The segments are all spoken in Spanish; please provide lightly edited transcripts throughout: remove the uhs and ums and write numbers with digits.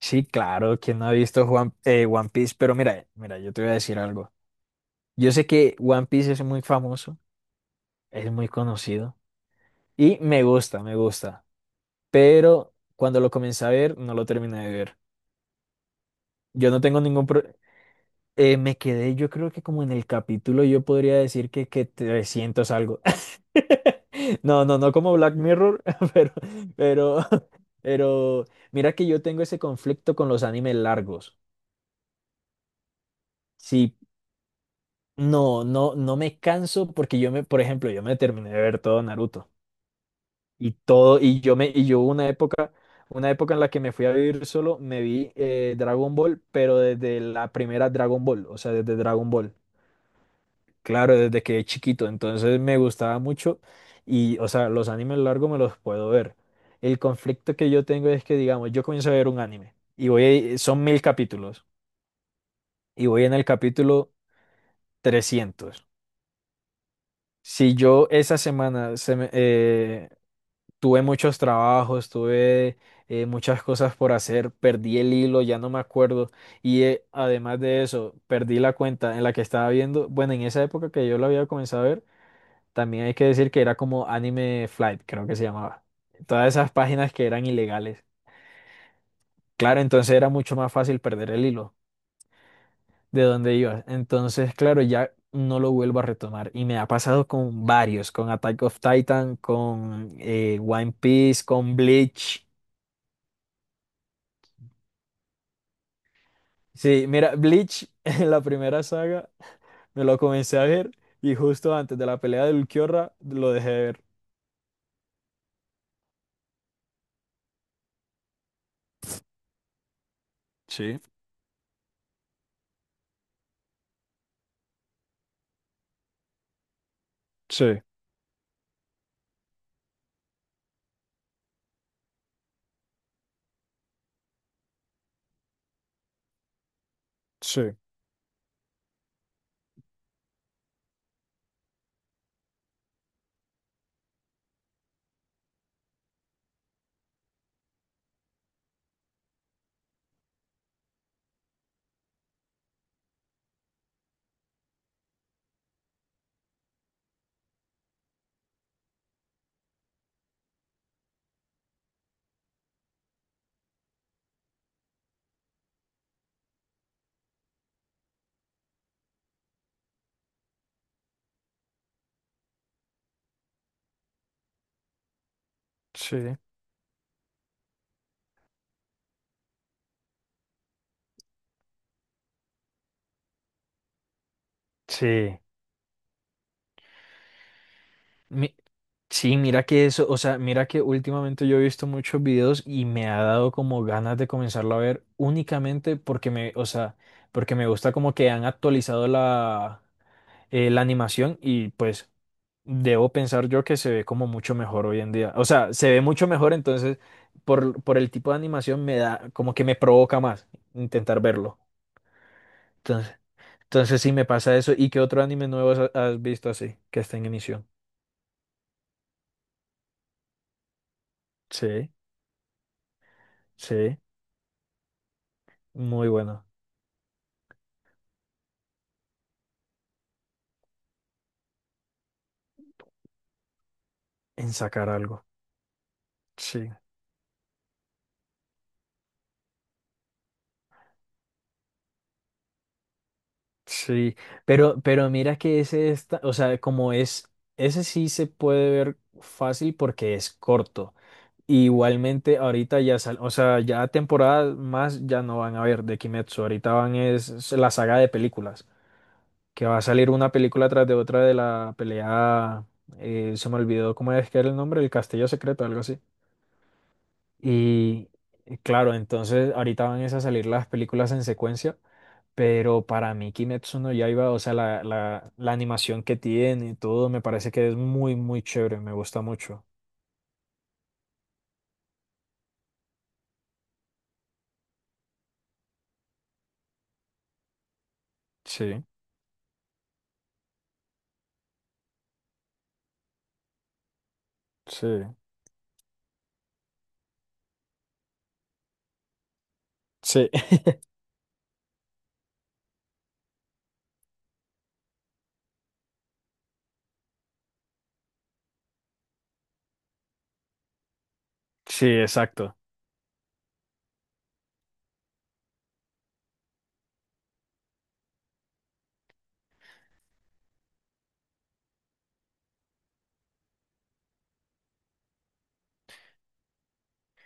Sí, claro, ¿quién no ha visto One Piece? Pero mira, mira, yo te voy a decir algo. Yo sé que One Piece es muy famoso, es muy conocido y me gusta, me gusta. Pero cuando lo comencé a ver, no lo terminé de ver. Yo no tengo ningún pro- Me quedé, yo creo que como en el capítulo, yo podría decir que 300 algo. No, no, no como Black Mirror, pero, pero, pero mira que yo tengo ese conflicto con los animes largos. Si. No, no, no me canso porque por ejemplo, yo me terminé de ver todo Naruto y todo, y yo me, y yo hubo una época en la que me fui a vivir solo, me vi Dragon Ball, pero desde la primera Dragon Ball, o sea, desde Dragon Ball, claro, desde que chiquito, entonces me gustaba mucho y, o sea, los animes largos me los puedo ver. El conflicto que yo tengo es que, digamos, yo comienzo a ver un anime y voy, son 1000 capítulos y voy en el capítulo 300. Si yo esa semana tuve muchos trabajos, tuve muchas cosas por hacer, perdí el hilo, ya no me acuerdo. Y además de eso, perdí la cuenta en la que estaba viendo. Bueno, en esa época que yo lo había comenzado a ver, también hay que decir que era como Anime Flight, creo que se llamaba. Todas esas páginas que eran ilegales. Claro, entonces era mucho más fácil perder el hilo de donde iba. Entonces, claro, ya no lo vuelvo a retomar. Y me ha pasado con varios, con Attack of Titan, con One Piece, con Bleach. Sí, mira, Bleach en la primera saga me lo comencé a ver y justo antes de la pelea del Kyora lo dejé de ver. Sí, sí, sí, sí, sí. Mi- Sí, mira que eso, o sea, mira que últimamente yo he visto muchos videos y me ha dado como ganas de comenzarlo a ver únicamente o sea, porque me gusta como que han actualizado la animación y pues debo pensar yo que se ve como mucho mejor hoy en día. O sea, se ve mucho mejor, entonces por el tipo de animación me da, como que me provoca más intentar verlo. Entonces, entonces, sí me pasa eso. ¿Y qué otro anime nuevo has visto así que está en emisión? Sí, sí, muy bueno. En sacar algo. Sí, sí. Pero, mira que ese está, o sea, como es, ese sí se puede ver fácil porque es corto. Igualmente ahorita o sea, ya temporadas más ya no van a ver de Kimetsu. Ahorita van es la saga de películas, que va a salir una película tras de otra de la pelea, se me olvidó cómo es que era el nombre, el Castillo Secreto, algo así. Y claro, entonces ahorita van es a salir las películas en secuencia, pero para mí Kimetsu no Yaiba, o sea, la animación que tiene y todo, me parece que es muy, muy chévere, me gusta mucho. Sí, sí, sí, sí, exacto.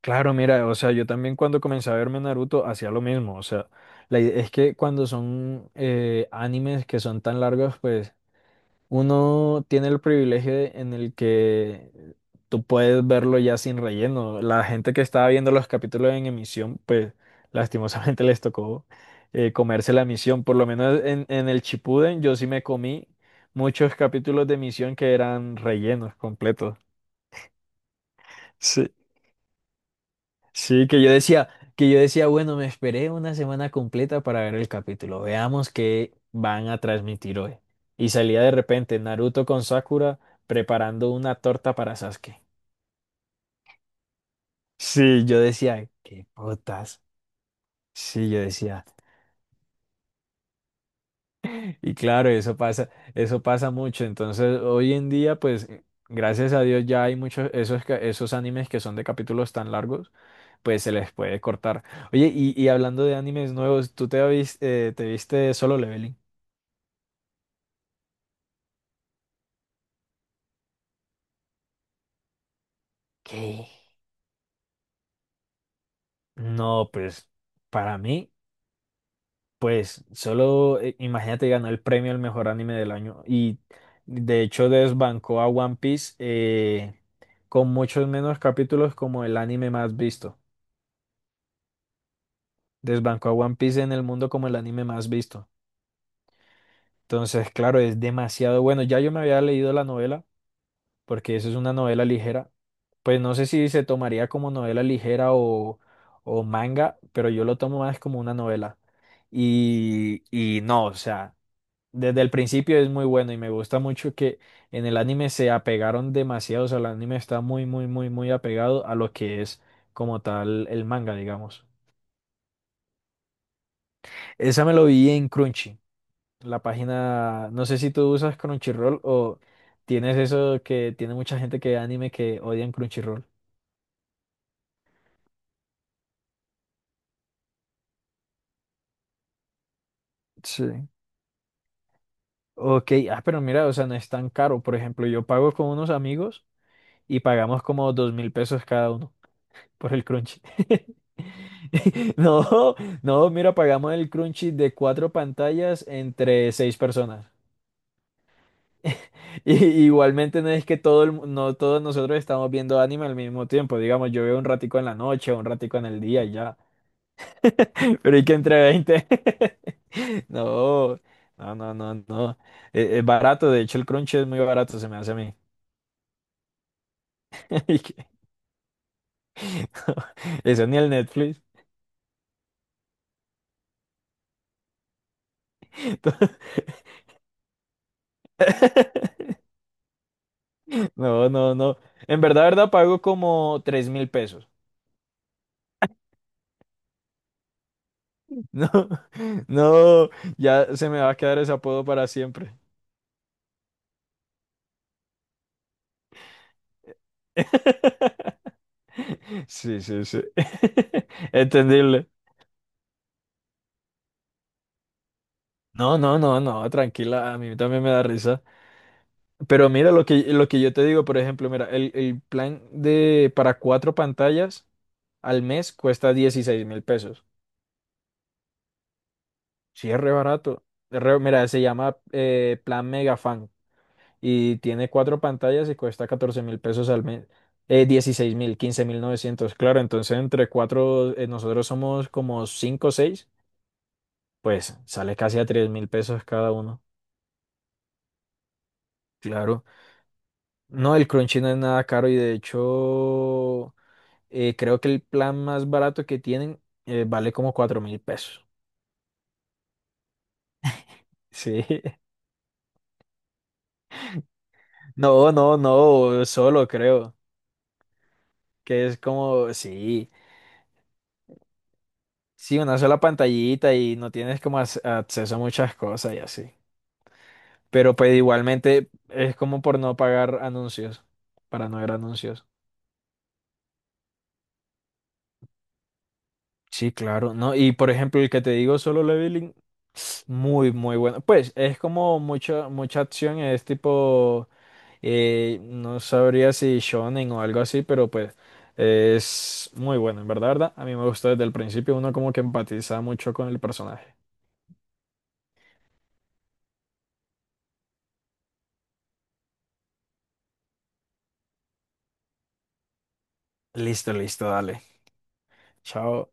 Claro, mira, o sea, yo también cuando comencé a verme Naruto hacía lo mismo, o sea, es que cuando son animes que son tan largos, pues uno tiene el privilegio en el que tú puedes verlo ya sin relleno. La gente que estaba viendo los capítulos en emisión, pues lastimosamente les tocó comerse la emisión. Por lo menos en el Chipuden yo sí me comí muchos capítulos de emisión que eran rellenos completos. Sí. Sí, que yo decía, bueno, me esperé una semana completa para ver el capítulo. Veamos qué van a transmitir hoy. Y salía de repente Naruto con Sakura preparando una torta para Sasuke. Sí, yo decía, qué putas. Sí, yo decía. Y claro, eso pasa mucho. Entonces, hoy en día, pues, gracias a Dios ya hay muchos esos animes que son de capítulos tan largos, pues se les puede cortar. Oye, y hablando de animes nuevos, ¿tú te viste Solo Leveling? ¿Qué? No, pues, para mí, pues, solo imagínate ganó el premio al mejor anime del año y de hecho desbancó a One Piece con muchos menos capítulos como el anime más visto. Desbancó a One Piece en el mundo como el anime más visto. Entonces, claro, es demasiado bueno. Ya yo me había leído la novela, porque eso es una novela ligera. Pues no sé si se tomaría como novela ligera o manga, pero yo lo tomo más como una novela. Y no, o sea, desde el principio es muy bueno y me gusta mucho que en el anime se apegaron demasiado, o sea, el anime está muy, muy, muy, muy apegado a lo que es como tal el manga, digamos. Esa me lo vi en Crunchy, la página, no sé si tú usas Crunchyroll o tienes eso que tiene mucha gente que ve anime que odian Crunchyroll. Sí. Ok, ah, pero mira, o sea, no es tan caro. Por ejemplo, yo pago con unos amigos y pagamos como 2000 pesos cada uno por el Crunchy. No, no, mira, pagamos el Crunchy de cuatro pantallas entre seis personas. Y, igualmente no es que no todos nosotros estamos viendo anime al mismo tiempo. Digamos, yo veo un ratico en la noche, un ratico en el día y ya. Pero ¿y que entre 20? No, no, no, no, no. Es barato, de hecho el crunch es muy barato, se me hace a mí. Y que- Eso ni el Netflix. No, no, no. En verdad, verdad, pago como 3000 pesos. No, no, ya se me va a quedar ese apodo para siempre. Sí, sí, sí. Entendible. No, no, no, no, tranquila, a mí también me da risa. Pero mira lo que yo te digo, por ejemplo, mira, el plan de para cuatro pantallas al mes cuesta 16000 pesos. Sí, es re barato. Mira, se llama plan Megafan y tiene cuatro pantallas y cuesta 14000 pesos al mes. 16 mil, 15900. Claro, entonces entre cuatro, nosotros somos como cinco o seis, pues sale casi a 3000 pesos cada uno. Claro. No, el Crunchy no es nada caro y de hecho. Creo que el plan más barato que tienen vale como 4000 pesos. Sí. No, no, no, solo creo. Que es como, sí, sí, una sola pantallita y no tienes como acceso a muchas cosas y así. Pero pues igualmente es como por no pagar anuncios, para no ver anuncios. Sí, claro, ¿no? Y por ejemplo, el que te digo, Solo Leveling, muy, muy bueno. Pues es como mucha, mucha acción, es tipo. No sabría si shonen o algo así, pero pues es muy bueno, en verdad, ¿verdad? A mí me gustó desde el principio, uno como que empatiza mucho con el personaje. Listo, listo, dale. Chao.